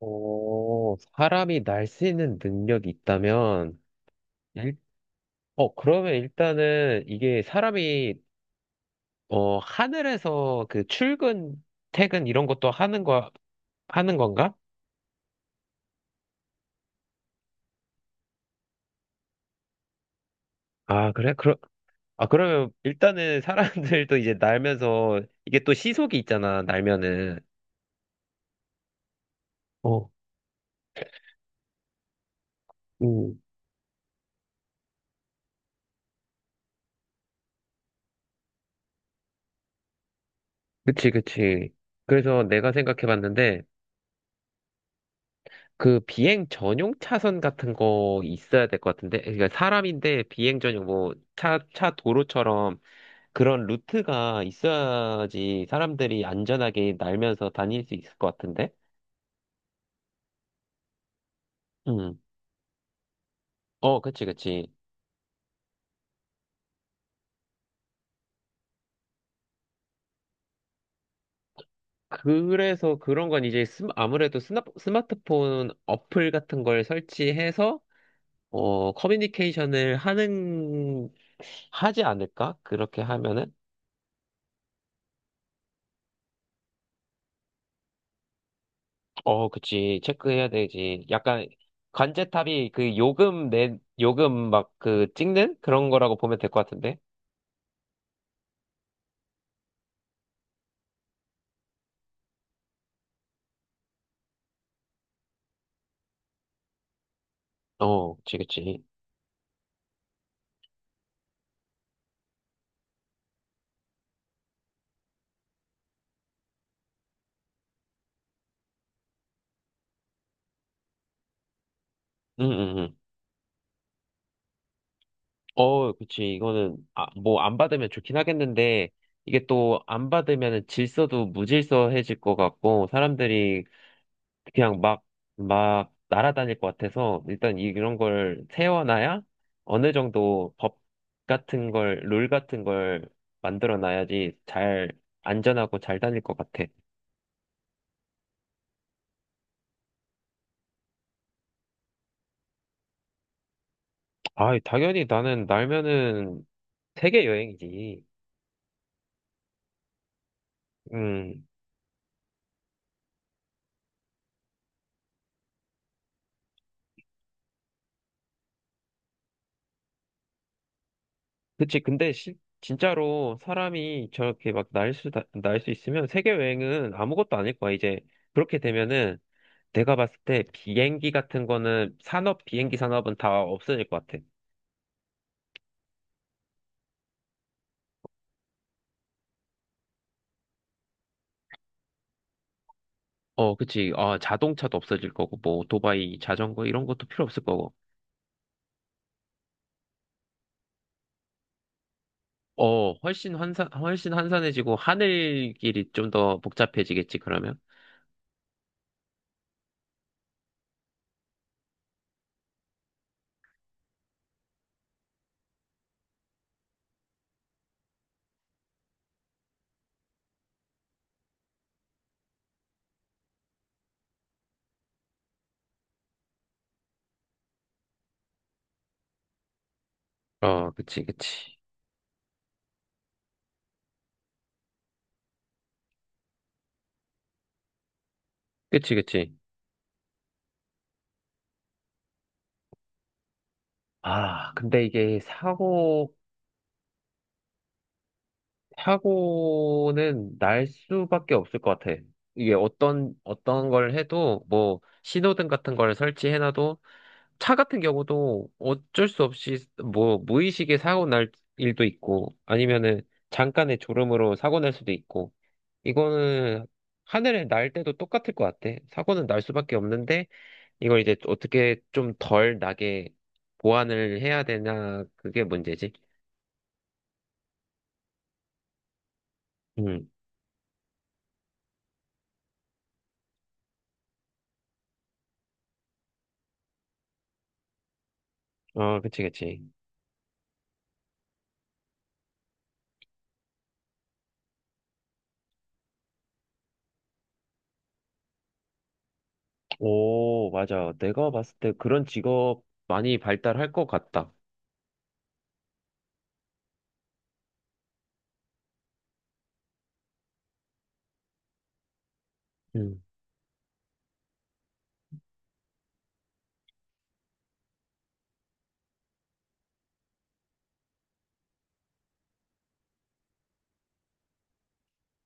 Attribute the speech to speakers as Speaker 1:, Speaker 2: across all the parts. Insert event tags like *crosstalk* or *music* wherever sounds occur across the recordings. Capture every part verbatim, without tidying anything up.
Speaker 1: 오, 사람이 날 수 있는 능력이 있다면, 일, 어, 그러면 일단은 이게 사람이, 어, 하늘에서 그 출근, 퇴근 이런 것도 하는 거, 하는 건가? 아, 그래? 그러, 아, 그러면 일단은 사람들도 이제 날면서, 이게 또 시속이 있잖아, 날면은. 어, 음. 그치, 그치. 그래서 내가 생각해 봤는데, 그 비행 전용 차선 같은 거 있어야 될 것 같은데, 그러니까 사람인데 비행 전용 뭐 차, 차 도로처럼 그런 루트가 있어야지 사람들이 안전하게 날면서 다닐 수 있을 것 같은데? 음. 어, 그치, 그치. 그래서 그런 건 이제 스마- 아무래도 스마, 스마트폰 어플 같은 걸 설치해서 어, 커뮤니케이션을 하는, 하지 않을까? 그렇게 하면은? 어, 그치. 체크해야 되지. 약간 관제탑이 그 요금 내, 요금 막 그 찍는 그런 거라고 보면 될 것 같은데? 어, 그치, 그치. 응, 응, 응. 어, 그치. 이거는, 아, 뭐 안 받으면 좋긴 하겠는데, 이게 또 안 받으면 질서도 무질서해질 것 같고, 사람들이 그냥 막, 막 날아다닐 것 같아서 일단 이- 런 걸 세워놔야 어느 정도 법 같은 걸, 룰 같은 걸 만들어 놔야지 잘 안전하고 잘 다닐 것 같아. 아, 당연히 나는 날면은 세계 여행이지. 음, 그치. 근데 실 진짜로 사람이 저렇게 막 날 수, 날 수 있으면 세계 여행은 아무것도 아닐 거야. 이제 그렇게 되면은 내가 봤을 때 비행기 같은 거는 산업, 비행기 산업은 다 없어질 것 같아. 어, 그치. 아, 자동차도 없어질 거고, 뭐, 오토바이, 자전거, 이런 것도 필요 없을 거고. 어, 훨씬 환산, 훨씬 환산해지고 하늘길이 좀 더 복잡해지겠지, 그러면? 어, 그치, 그치. 그치, 그치. 아, 근데 이게 사고, 사고는 날 수밖에 없을 것 같아. 이게 어떤, 어떤 걸 해도, 뭐, 신호등 같은 걸 설치해놔도, 차 같은 경우도 어쩔 수 없이 뭐 무의식에 사고 날 일도 있고 아니면은 잠깐의 졸음으로 사고 날 수도 있고 이거는 하늘에 날 때도 똑같을 것 같아. 사고는 날 수밖에 없는데 이걸 이제 어떻게 좀 덜 나게 보완을 해야 되나 그게 문제지. 음. 어, 그치, 그치. 오, 맞아. 내가 봤을 때 그런 직업 많이 발달할 것 같다. 음.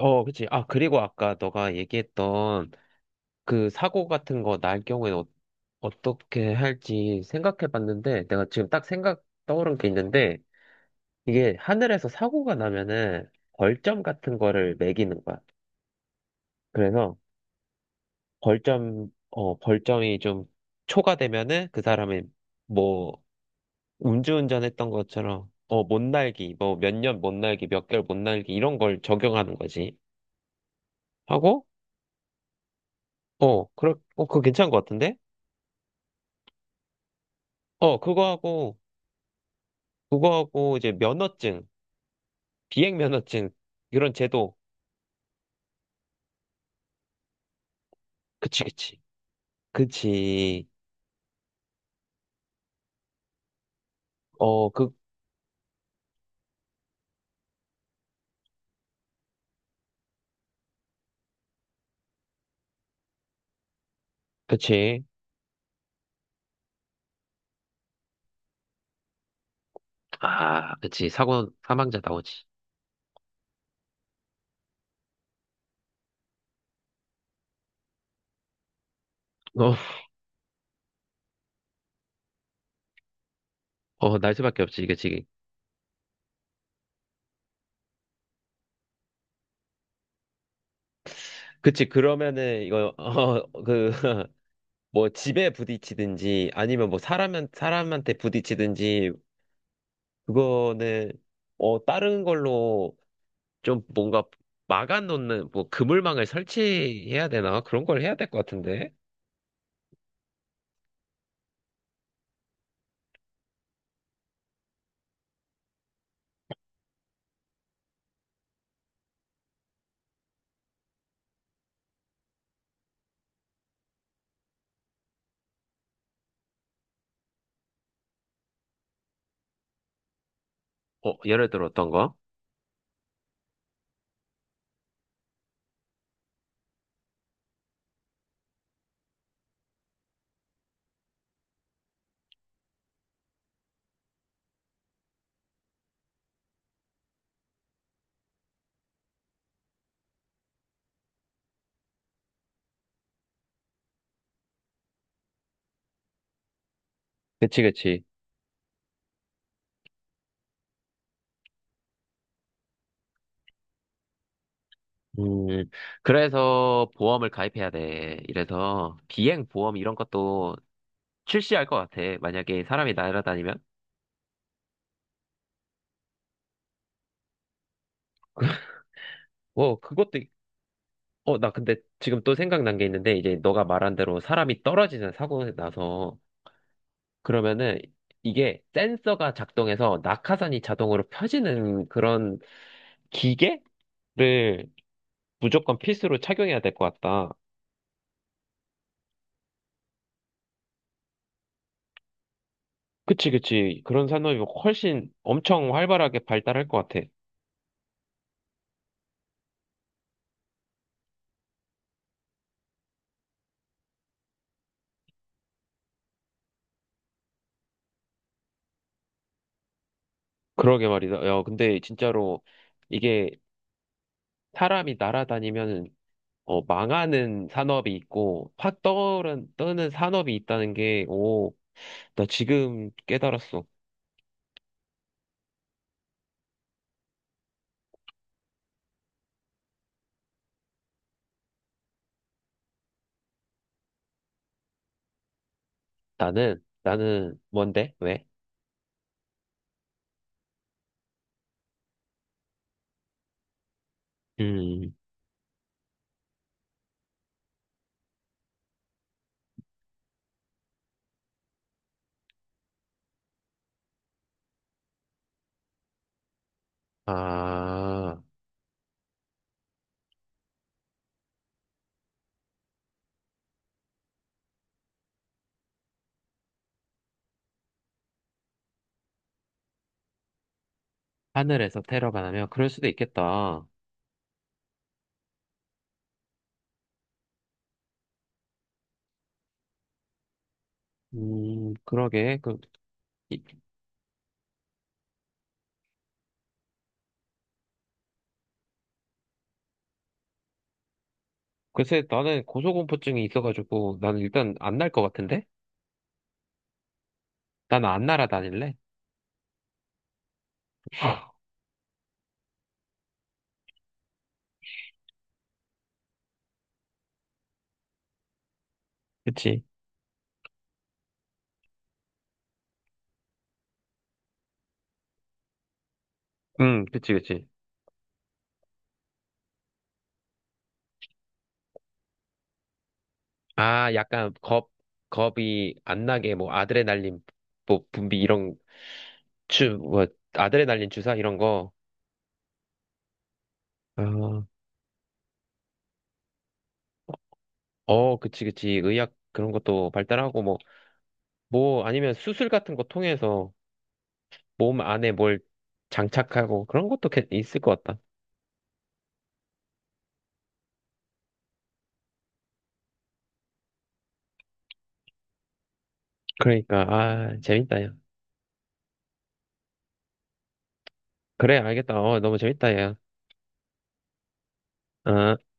Speaker 1: 어, 그치. 아, 그리고 아까 너가 얘기했던 그 사고 같은 거 날 경우에 어, 어떻게 할지 생각해 봤는데 내가 지금 딱 생각 떠오른 게 있는데 이게 하늘에서 사고가 나면은 벌점 같은 거를 매기는 거야. 그래서 벌점 어 벌점이 좀 초과되면은 그 사람이 뭐 음주운전했던 것처럼 어 못 날기 뭐 몇 년 못 날기 몇 개월 못 날기 이런 걸 적용하는 거지. 하고 어 그렇 어 그거 괜찮은 것 같은데? 어 그거 하고 그거 하고 이제 면허증 비행면허증 이런 제도 그치 그치 그치 어 그 그치 아 그치 사고 사망자 나오지 어어날 수밖에 없지 그치 그치 그러면은 이거 어그뭐 *laughs* 집에 부딪히든지 아니면 뭐 사람한 사람한테 부딪히든지 그거는 어 다른 걸로 좀 뭔가 막아놓는 뭐 그물망을 설치해야 되나 그런 걸 해야 될 것 같은데 어 예를 들어 어떤 거 그치 그치 음, 그래서 보험을 가입해야 돼. 이래서 비행 보험 이런 것도 출시할 것 같아. 만약에 사람이 날아다니면. 어, 그것도, 있- 어, 나 근데 지금 또 생각난 게 있는데, 이제 너가 말한 대로 사람이 떨어지는 사고 나서, 그러면은 이게 센서가 작동해서 낙하산이 자동으로 펴지는 그런 기계를 무조건 필수로 착용해야 될 것 같다. 그치, 그치. 그런 산업이 훨씬 엄청 활발하게 발달할 것 같아. 그러게 말이다. 야, 근데 진짜로 이게 사람이 날아다니면 어, 망하는 산업이 있고 확 떠오른, 떠는 산업이 있다는 게, 오, 나 지금 깨달았어. 나는, 나는 뭔데? 왜? 음, 아, 하늘에서 테러가 나면 그럴 수도 있겠다. 음, 그러게. 그, 이- 글쎄, 나는 고소공포증이 있어가지고 나는 일단 안 날 것 같은데? 나는 안 날아다닐래. *laughs* 그치? 응, 그치, 그치. 아, 약간 겁, 겁이 안 나게, 뭐, 아드레날린, 뭐, 분비 이런, 주, 뭐, 아드레날린 주사 이런 거. 아, 어, 그치, 그치. 의학 그런 것도 발달하고, 뭐, 뭐, 아니면 수술 같은 거 통해서 몸 안에 뭘 장착하고 그런 것도 괜- 있을 것 같다. 그러니까, 아, 재밌다, 야. 그래, 알겠다. 어, 너무 재밌다, 야. 어.